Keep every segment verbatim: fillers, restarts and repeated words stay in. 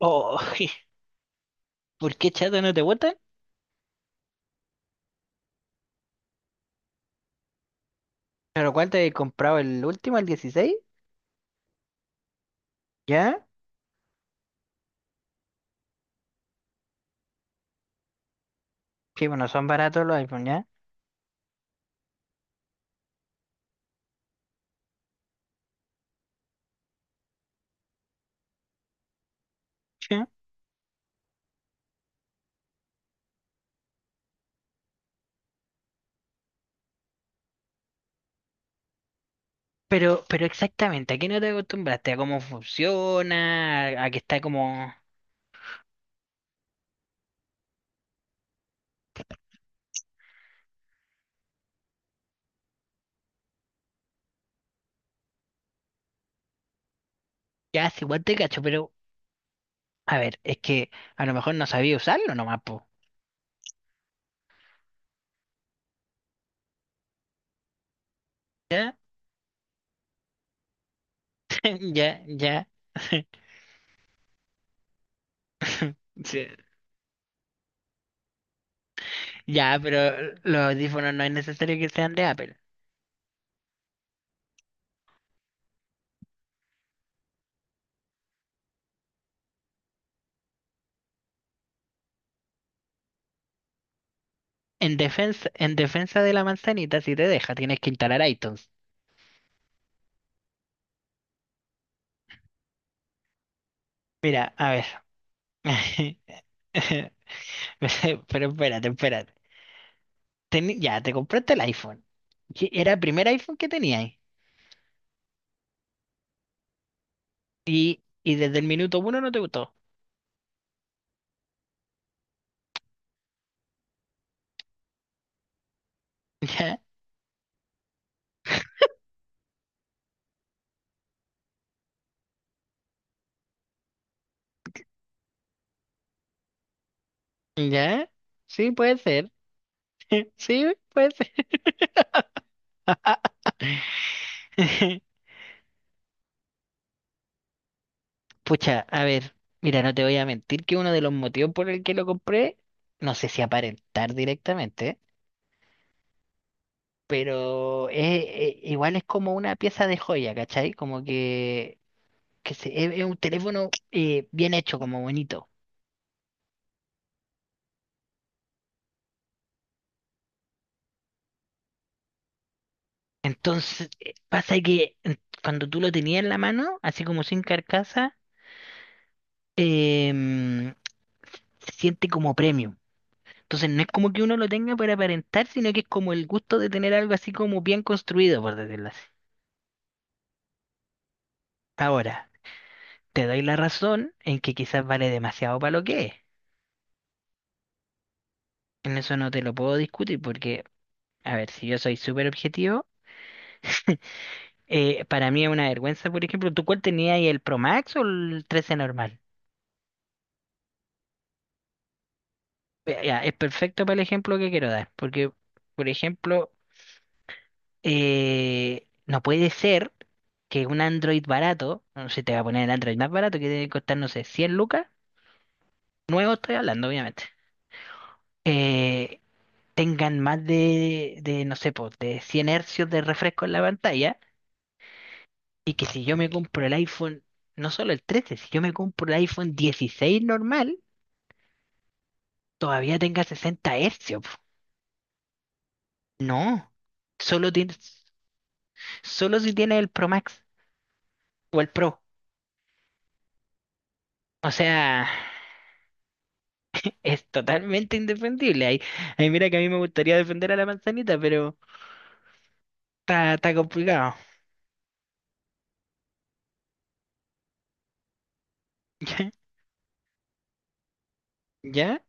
Oh, ¿por qué chato no te gustan? ¿Pero cuál te he comprado? ¿El último, el dieciséis? ¿Ya? Sí, bueno, son baratos los iPhone, ¿ya? Sí. Pero, pero exactamente, ¿a qué no te acostumbraste? ¿A cómo funciona? ¿A que está como? Ya, sí, igual te cacho, pero. A ver, es que a lo mejor no sabía usarlo nomás, po. ¿Ya? Ya, ya. Sí. Ya, pero los audífonos no es necesario que sean de Apple. En defensa, en defensa de la manzanita, si te deja, tienes que instalar iTunes. Mira, a ver. Pero espérate, espérate. Teni- ya, te compraste el iPhone. Que Era el primer iPhone que tenías. Y, y desde el minuto uno no te gustó. Ya, ya. Sí, puede ser. Sí, puede ser. Pucha, a ver. Mira, no te voy a mentir que uno de los motivos por el que lo compré, no sé si aparentar directamente, pero es- es- igual es como una pieza de joya, ¿cachai? Como que, que se- es, es un teléfono eh, bien hecho, como bonito. Entonces, eh, pasa que en- cuando tú lo tenías en la mano, así como sin carcasa, em, se siente como premium. Entonces, no es como que uno lo tenga para aparentar, sino que es como el gusto de tener algo así como bien construido, por decirlo así. Ahora, te doy la razón en que quizás vale demasiado para lo que es. En eso no te lo puedo discutir porque, a ver, si yo soy súper objetivo, eh, para mí es una vergüenza, por ejemplo, ¿tú cuál tenías ahí, el Pro Max o el trece normal? Ve- ya, es perfecto para el ejemplo que quiero dar, porque, por ejemplo, eh, no puede ser que un Android barato, no sé, te va a poner el Android más barato que debe costar, no sé, cien lucas, nuevo estoy hablando, obviamente, eh, tengan más de, de, no sé, pues, de cien hercios de refresco en la pantalla, y que si yo me compro el iPhone, no solo el trece si yo me compro el iPhone dieciséis normal, todavía tenga sesenta hercios. Po. No, solo tienes, solo si tienes el Pro Max. O el Pro. O sea, es totalmente indefendible. Ahí, ahí mira que a mí me gustaría defender a la manzanita, pero está, está complicado. ¿Ya? ¿Ya?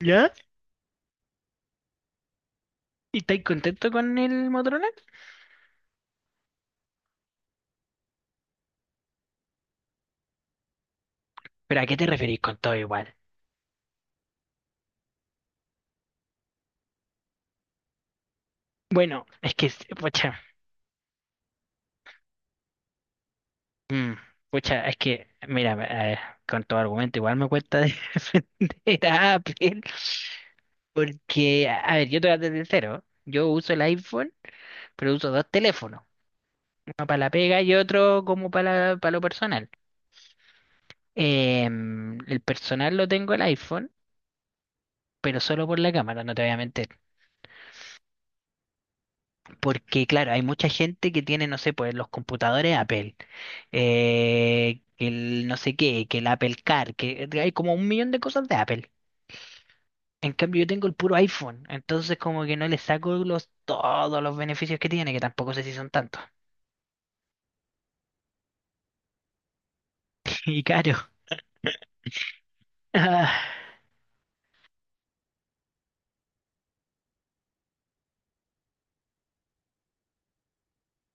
¿Ya? ¿Y estáis contento con el Motorola? ¿Pero a qué te referís con todo igual? Bueno, es que, pocha, mm, pocha, es que, mira, eh, con todo argumento igual me cuesta defender a Apple. Porque, a a ver, yo te voy a ser sincero. Yo uso el iPhone, pero uso dos teléfonos. Uno para la pega y otro como para, la- para lo personal. Em, el personal lo tengo el iPhone, pero solo por la cámara, no te voy a mentir. Porque, claro, hay mucha gente que tiene, no sé, pues los computadores Apple, eh, que el no sé qué, que el Apple Car, que hay como un millón de cosas de Apple. En cambio, yo tengo el puro iPhone, entonces como que no le saco los, todos los beneficios que tiene, que tampoco sé si son tantos. Y caro. Ah,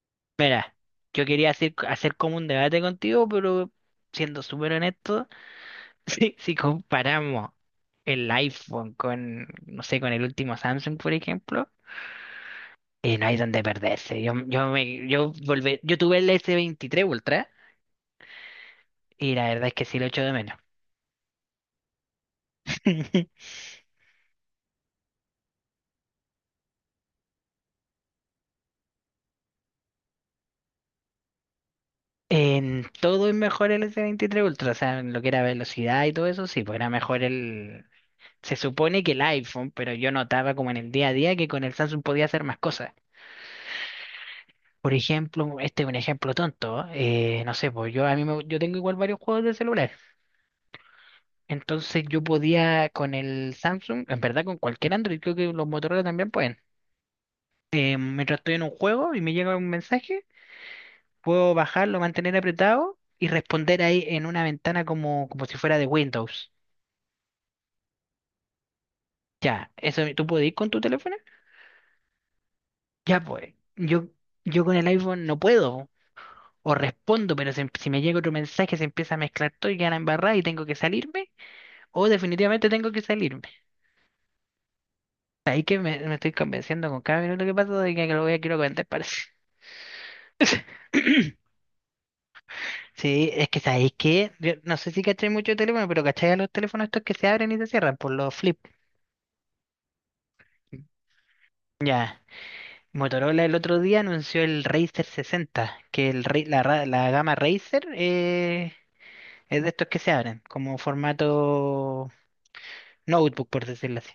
Mira, yo quería hacer, hacer como un debate contigo, pero siendo súper honesto. Si, si comparamos el iPhone con, no sé, con el último Samsung, por ejemplo, eh, no hay donde perderse. Yo, yo, me, yo, volvé yo tuve el S veintitrés Ultra y la verdad es que sí lo echo de menos. En todo es mejor el S veintitrés Ultra, o sea, en lo que era velocidad y todo eso, sí, pues era mejor el. Se supone que el iPhone, pero yo notaba como en el día a día que con el Samsung podía hacer más cosas. Por ejemplo, este es un ejemplo tonto, ¿eh? Eh, no sé, pues yo a mí me- yo tengo igual varios juegos de celular. Entonces yo podía con el Samsung, en verdad con cualquier Android, creo que los Motorola también pueden. Eh, mientras estoy en un juego y me llega un mensaje, puedo bajarlo, mantener apretado y responder ahí en una ventana como, como si fuera de Windows. Ya, eso tú puedes ir con tu teléfono. Ya pues, yo, yo con el iPhone no puedo. O respondo, pero se- si me llega otro mensaje se empieza a mezclar todo y queda embarrada y tengo que salirme. O definitivamente tengo que salirme. Ahí que me, me estoy convenciendo con cada minuto que pasa de que lo voy a quiero vender, parece. Sí, es que sabéis que, no sé si cacháis mucho de teléfono, pero cacháis a los teléfonos estos que se abren y se cierran por los flip. Ya, Motorola el otro día anunció el Razer sesenta, que el, Ra- la, ra- la gama Razer eh, es de estos que se abren, como formato notebook, por decirlo así.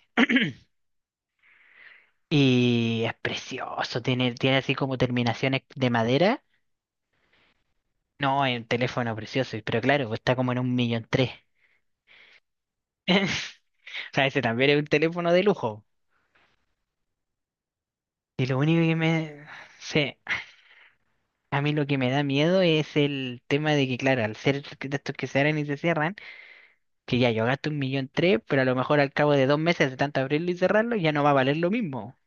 Y es precioso, tiene, tiene así como terminaciones de madera. No, es un teléfono precioso, pero claro, está como en un millón tres. O sea, ese también es un teléfono de lujo. Y lo único que me... sé, a mí lo que me da miedo es el tema de que, claro, al ser de estos que se abren y se cierran, que ya yo gasto un millón tres, pero a lo mejor al cabo de dos meses de tanto abrirlo y cerrarlo ya no va a valer lo mismo.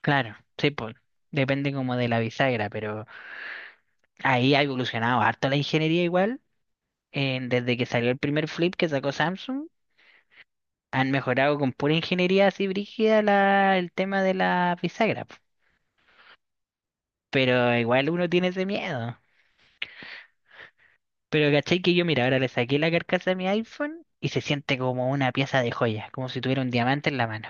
Claro, sí, pues depende como de la bisagra, pero ahí ha evolucionado harto la ingeniería igual. en- desde que salió el primer flip que sacó Samsung, han mejorado con pura ingeniería así brígida la, el tema de la bisagra. Po. Pero igual uno tiene ese miedo. Pero caché que yo, mira, ahora le saqué la carcasa a mi iPhone y se siente como una pieza de joya, como si tuviera un diamante en la mano.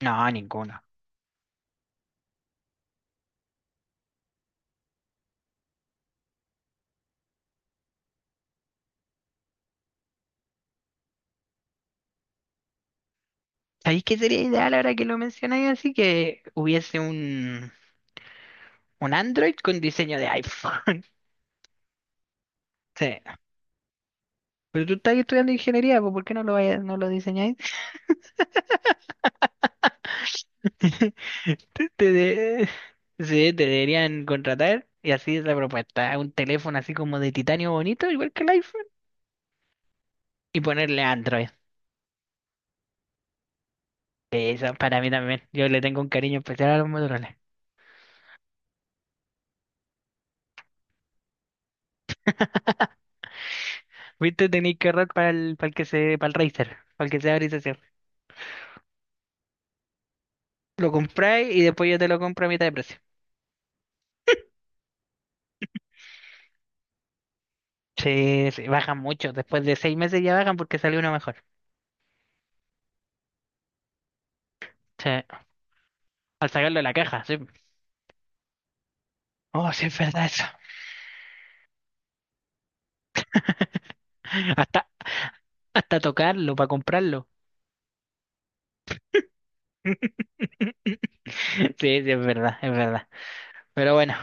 No, ninguno. ¿Sabéis qué sería ideal ahora que lo mencionáis así? Que hubiese un, un Android con diseño de iPhone. Sí. Pero tú estás estudiando ingeniería, pues ¿por qué no lo, vaya- no lo diseñáis? Te, te de- Sí, te deberían contratar y así es la propuesta. Un teléfono así como de titanio bonito, igual que el iPhone, y ponerle Android. Esa para mí también. Yo le tengo un cariño especial a los Motorola. ¿Viste? Tenéis que ahorrar para el, para el que se, para el Razer, para el que sea grisáceo. Lo compráis y después yo te lo compro a mitad de precio. Sí, sí, bajan mucho. Después de seis meses ya bajan porque salió uno mejor. Sí, al sacarlo de la caja, sí. Oh, sí, es verdad eso. Hasta, hasta tocarlo para comprarlo. Sí, sí, es verdad, es verdad. Pero bueno,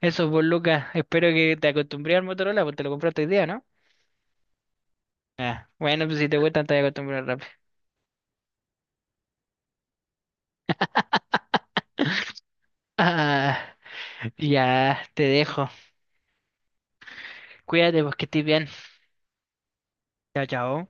eso pues Lucas, espero que te acostumbré al Motorola, porque te lo compraste hoy día, ¿no? Ah, bueno, pues si te gustan te voy a acostumbrar rápido. Ah. Ya te dejo. Cuídate, pues que estés bien. Chao, chao.